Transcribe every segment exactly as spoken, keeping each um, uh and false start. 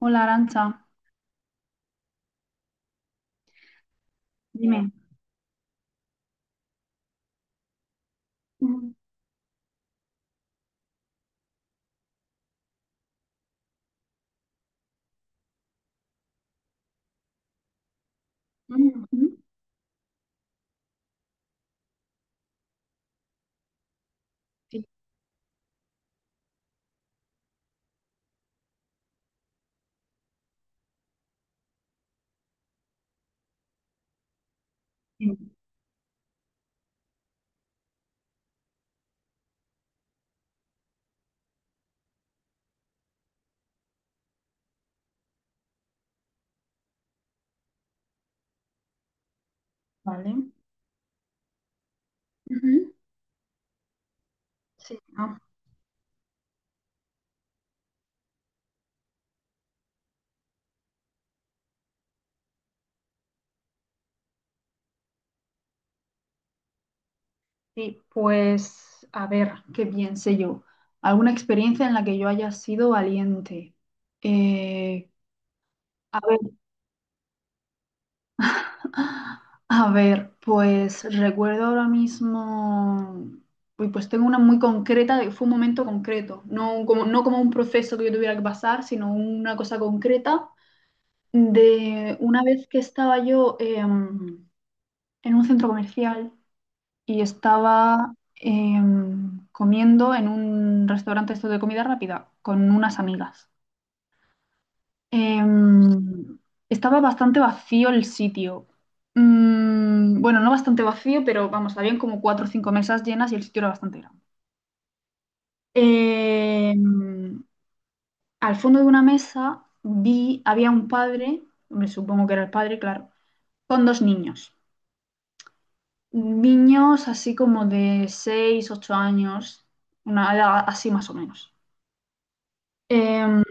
Hola, Arancha, dime. Ujú, ujú, sí, vale. Ujú. Sí, ah, sí, pues a ver, qué bien sé yo. ¿Alguna experiencia en la que yo haya sido valiente? Eh, a ver, a ver, pues recuerdo ahora mismo, uy, pues tengo una muy concreta, de- fue un momento concreto, no como, no como un proceso que yo tuviera que pasar, sino una cosa concreta de una vez que estaba yo... em, en un centro comercial y estaba em, comiendo en un restaurante esto de comida rápida con unas amigas. Em, Estaba bastante vacío el sitio. Mm, bueno, no bastante vacío, pero vamos, habían como cuatro o cinco mesas llenas y el sitio era bastante grande. Em, Al fondo de una mesa vi, había un padre, hombre, supongo que era el padre, claro, con dos niños. Niños así como de seis ocho años, una edad así más o menos. Em,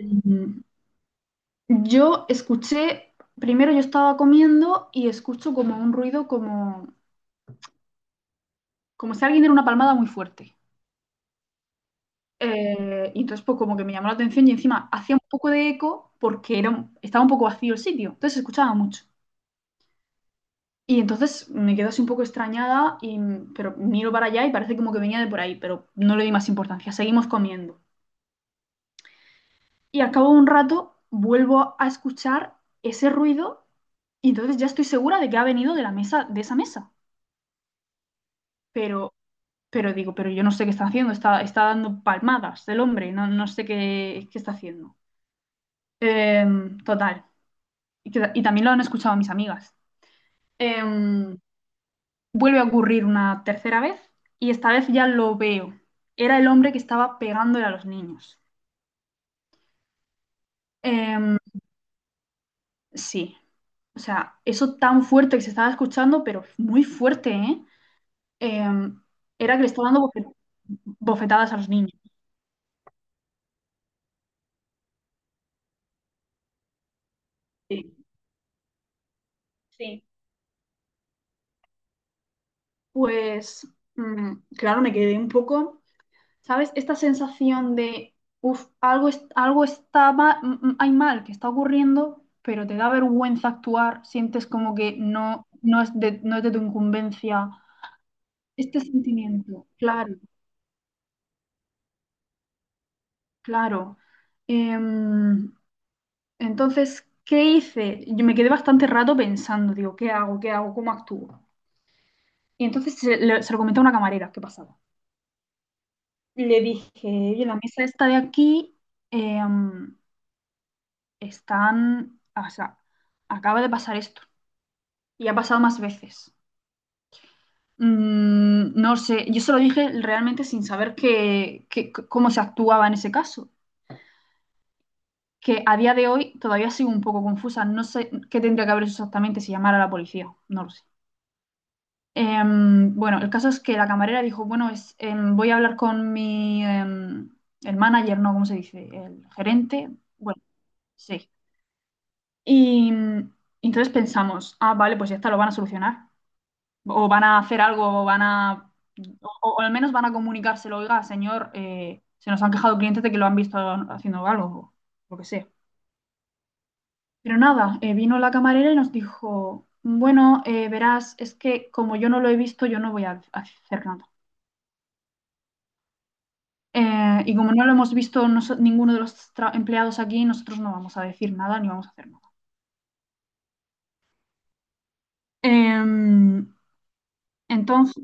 yo escuché, primero yo estaba comiendo y escucho como un ruido como, como si alguien diera una palmada muy fuerte. Eh, y entonces pues como que me llamó la atención y encima hacía un poco de eco porque era, un- estaba un poco vacío el sitio, entonces se escuchaba mucho. Y entonces me quedo así un poco extrañada, y, pero miro para allá y parece como que venía de por ahí, pero no le di más importancia, seguimos comiendo. Y al cabo de un rato vuelvo a escuchar ese ruido y entonces ya estoy segura de que ha venido de la mesa, de esa mesa. Pero, pero digo, pero yo no sé qué está haciendo, está, está dando palmadas el hombre, no, no sé qué, qué está haciendo. Em, total. Y, que- y también lo han escuchado mis amigas. Em, Vuelve a ocurrir una tercera vez y esta vez ya lo veo. Era el hombre que estaba pegándole a los niños. Em, sí, o sea, eso tan fuerte que se estaba escuchando, pero muy fuerte, ¿eh? eh, Era que le estaba dando bofe- bofetadas a los niños. Sí, sí. Pues, mm, claro, me quedé un poco, ¿sabes? Esta sensación de, uff, algo, es- algo está mal, hay mal que está ocurriendo, pero te da vergüenza actuar, sientes como que no, no es de, no es de tu incumbencia. Este sentimiento, claro, claro. Em, entonces, ¿qué hice? Yo me quedé bastante rato pensando, digo, ¿qué hago? ¿Qué hago? ¿Cómo actúo? Y entonces se, le- se lo comenté a una camarera que pasaba. Y le dije, oye, la mesa esta de aquí em, están, ah, o sea, acaba de pasar esto. Y ha pasado más veces. Mm, no sé, yo se lo dije realmente sin saber que, que- c- cómo se actuaba en ese caso. Que a día de hoy todavía sigo un poco confusa. No sé qué tendría que haber hecho exactamente si llamara a la policía. No lo sé. Em, bueno, el caso es que la camarera dijo, bueno, es, em, voy a hablar con mi, em, el manager, no, ¿cómo se dice? El gerente. Bueno, sí. Y mm, entonces pensamos, ah, vale, pues ya está, lo van a solucionar. O van a hacer algo, o van a... O, o al menos van a comunicárselo, oiga, señor, eh, se nos han quejado clientes de que lo han visto haciendo algo, o lo que sea. Pero nada, eh, vino la camarera y nos dijo, bueno, eh, verás, es que como yo no lo he visto, yo no voy a hacer nada. Eh, y como no lo hemos visto nos- ninguno de los tra- empleados aquí, nosotros no vamos a decir nada ni vamos a hacer nada. Eh, entonces,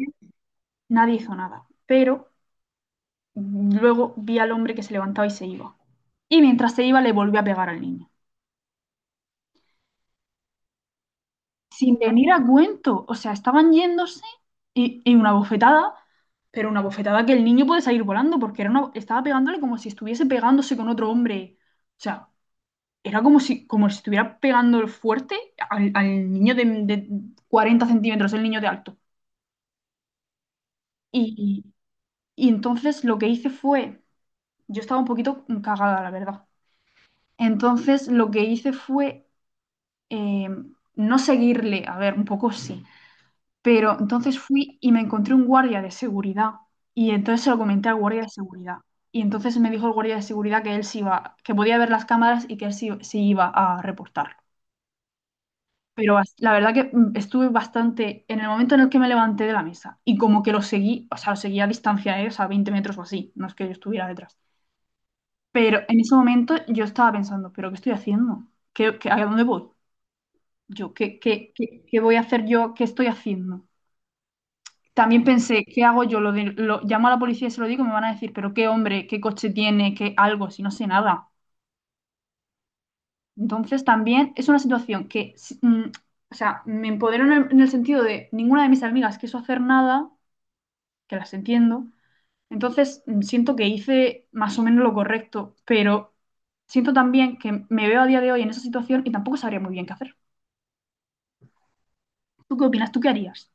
nadie hizo nada, pero luego vi al hombre que se levantaba y se iba. Y mientras se iba, le volvió a pegar al niño. Sin venir a cuento, o sea, estaban yéndose y, y una bofetada, pero una bofetada que el niño puede salir volando porque era una, estaba pegándole como si estuviese pegándose con otro hombre. O sea, era como si, como si estuviera pegando fuerte al, al niño de, de cuarenta centímetros, el niño de alto. Y, y entonces lo que hice fue, yo estaba un poquito cagada, la verdad. Entonces lo que hice fue eh, no seguirle, a ver, un poco sí, pero entonces fui y me encontré un guardia de seguridad y entonces se lo comenté al guardia de seguridad. Y entonces me dijo el guardia de seguridad que él sí iba, que podía ver las cámaras y que él sí, sí iba a reportar. Pero bas- la verdad que mm, estuve bastante en el momento en el que me levanté de la mesa y como que lo seguí, o sea, lo seguí a distancia, ¿eh? O sea, veinte metros o así, no es que yo estuviera detrás. Pero en ese momento yo estaba pensando, ¿pero qué estoy haciendo? ¿Qué, qué- a dónde voy? Yo, ¿qué, qué, qué, qué voy a hacer yo? ¿Qué estoy haciendo? También pensé, ¿qué hago yo? Lo, de- lo llamo a la policía y se lo digo, me van a decir, ¿pero qué hombre, qué coche tiene, qué algo, si no sé nada? Entonces también es una situación que, si- mm, o sea, me empoderó en el, en el sentido de ninguna de mis amigas quiso hacer nada, que las entiendo. Entonces mm, siento que hice más o menos lo correcto, pero siento también que me veo a día de hoy en esa situación y tampoco sabría muy bien qué hacer. ¿Tú qué opinas? ¿Tú qué harías?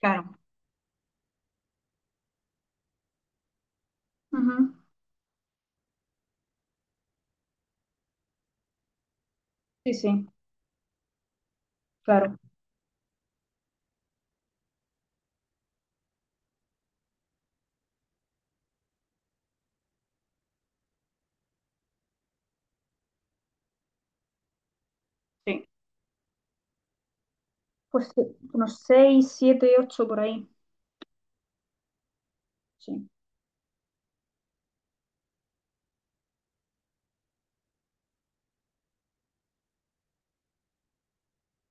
Claro, ujú. Sí, sí, claro. Sí, pues sí, unos seis siete ocho por ahí. Sí,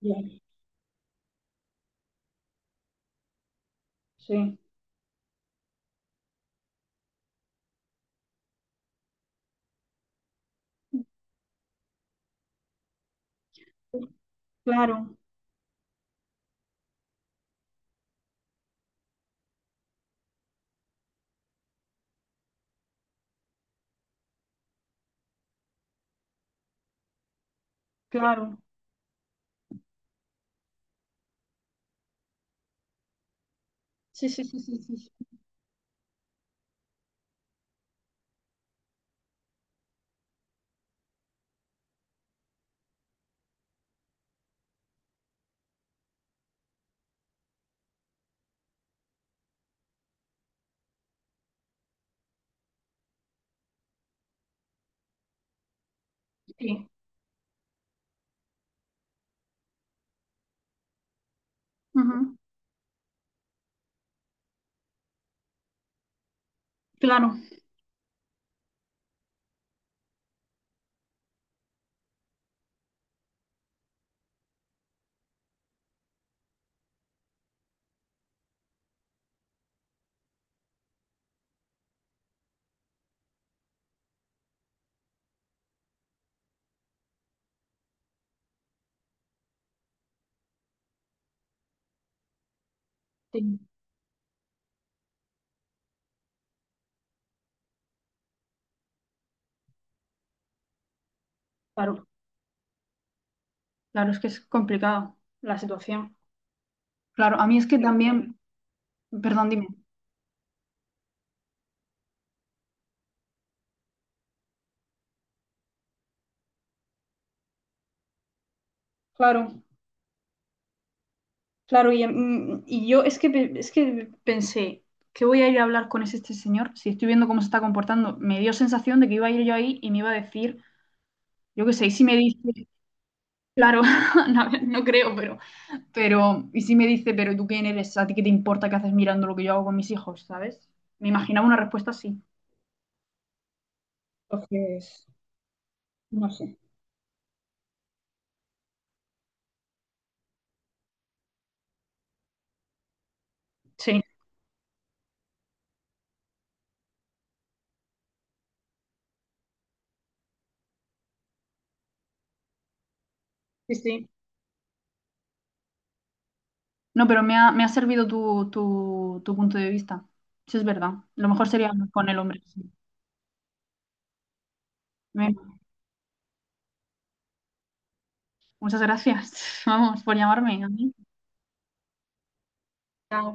bien, sí, claro, claro. Sí, sí, sí, sí, sí, sí, ujú. Claro, sí, claro, claro, es que es complicado la situación. Claro, a mí es que sí, también, perdón, dime. Claro, claro, y, mm, y yo es que, pe- es que pensé, ¿qué voy a ir a hablar con ese- este señor? Si estoy viendo cómo se está comportando, me dio sensación de que iba a ir yo ahí y me iba a decir, yo qué sé, y si me dice, claro, no, no creo, pero, pero, y si me dice, pero tú quién eres, a ti qué te importa qué haces mirando lo que yo hago con mis hijos, ¿sabes? Me imaginaba una respuesta así. Entonces, no sé. Sí, sí, sí. No, pero me ha, me ha servido tu, tu, tu punto de vista. Eso es verdad. Lo mejor sería hablar con el hombre. Sí. Muchas gracias, vamos, por llamarme a mí. Chao.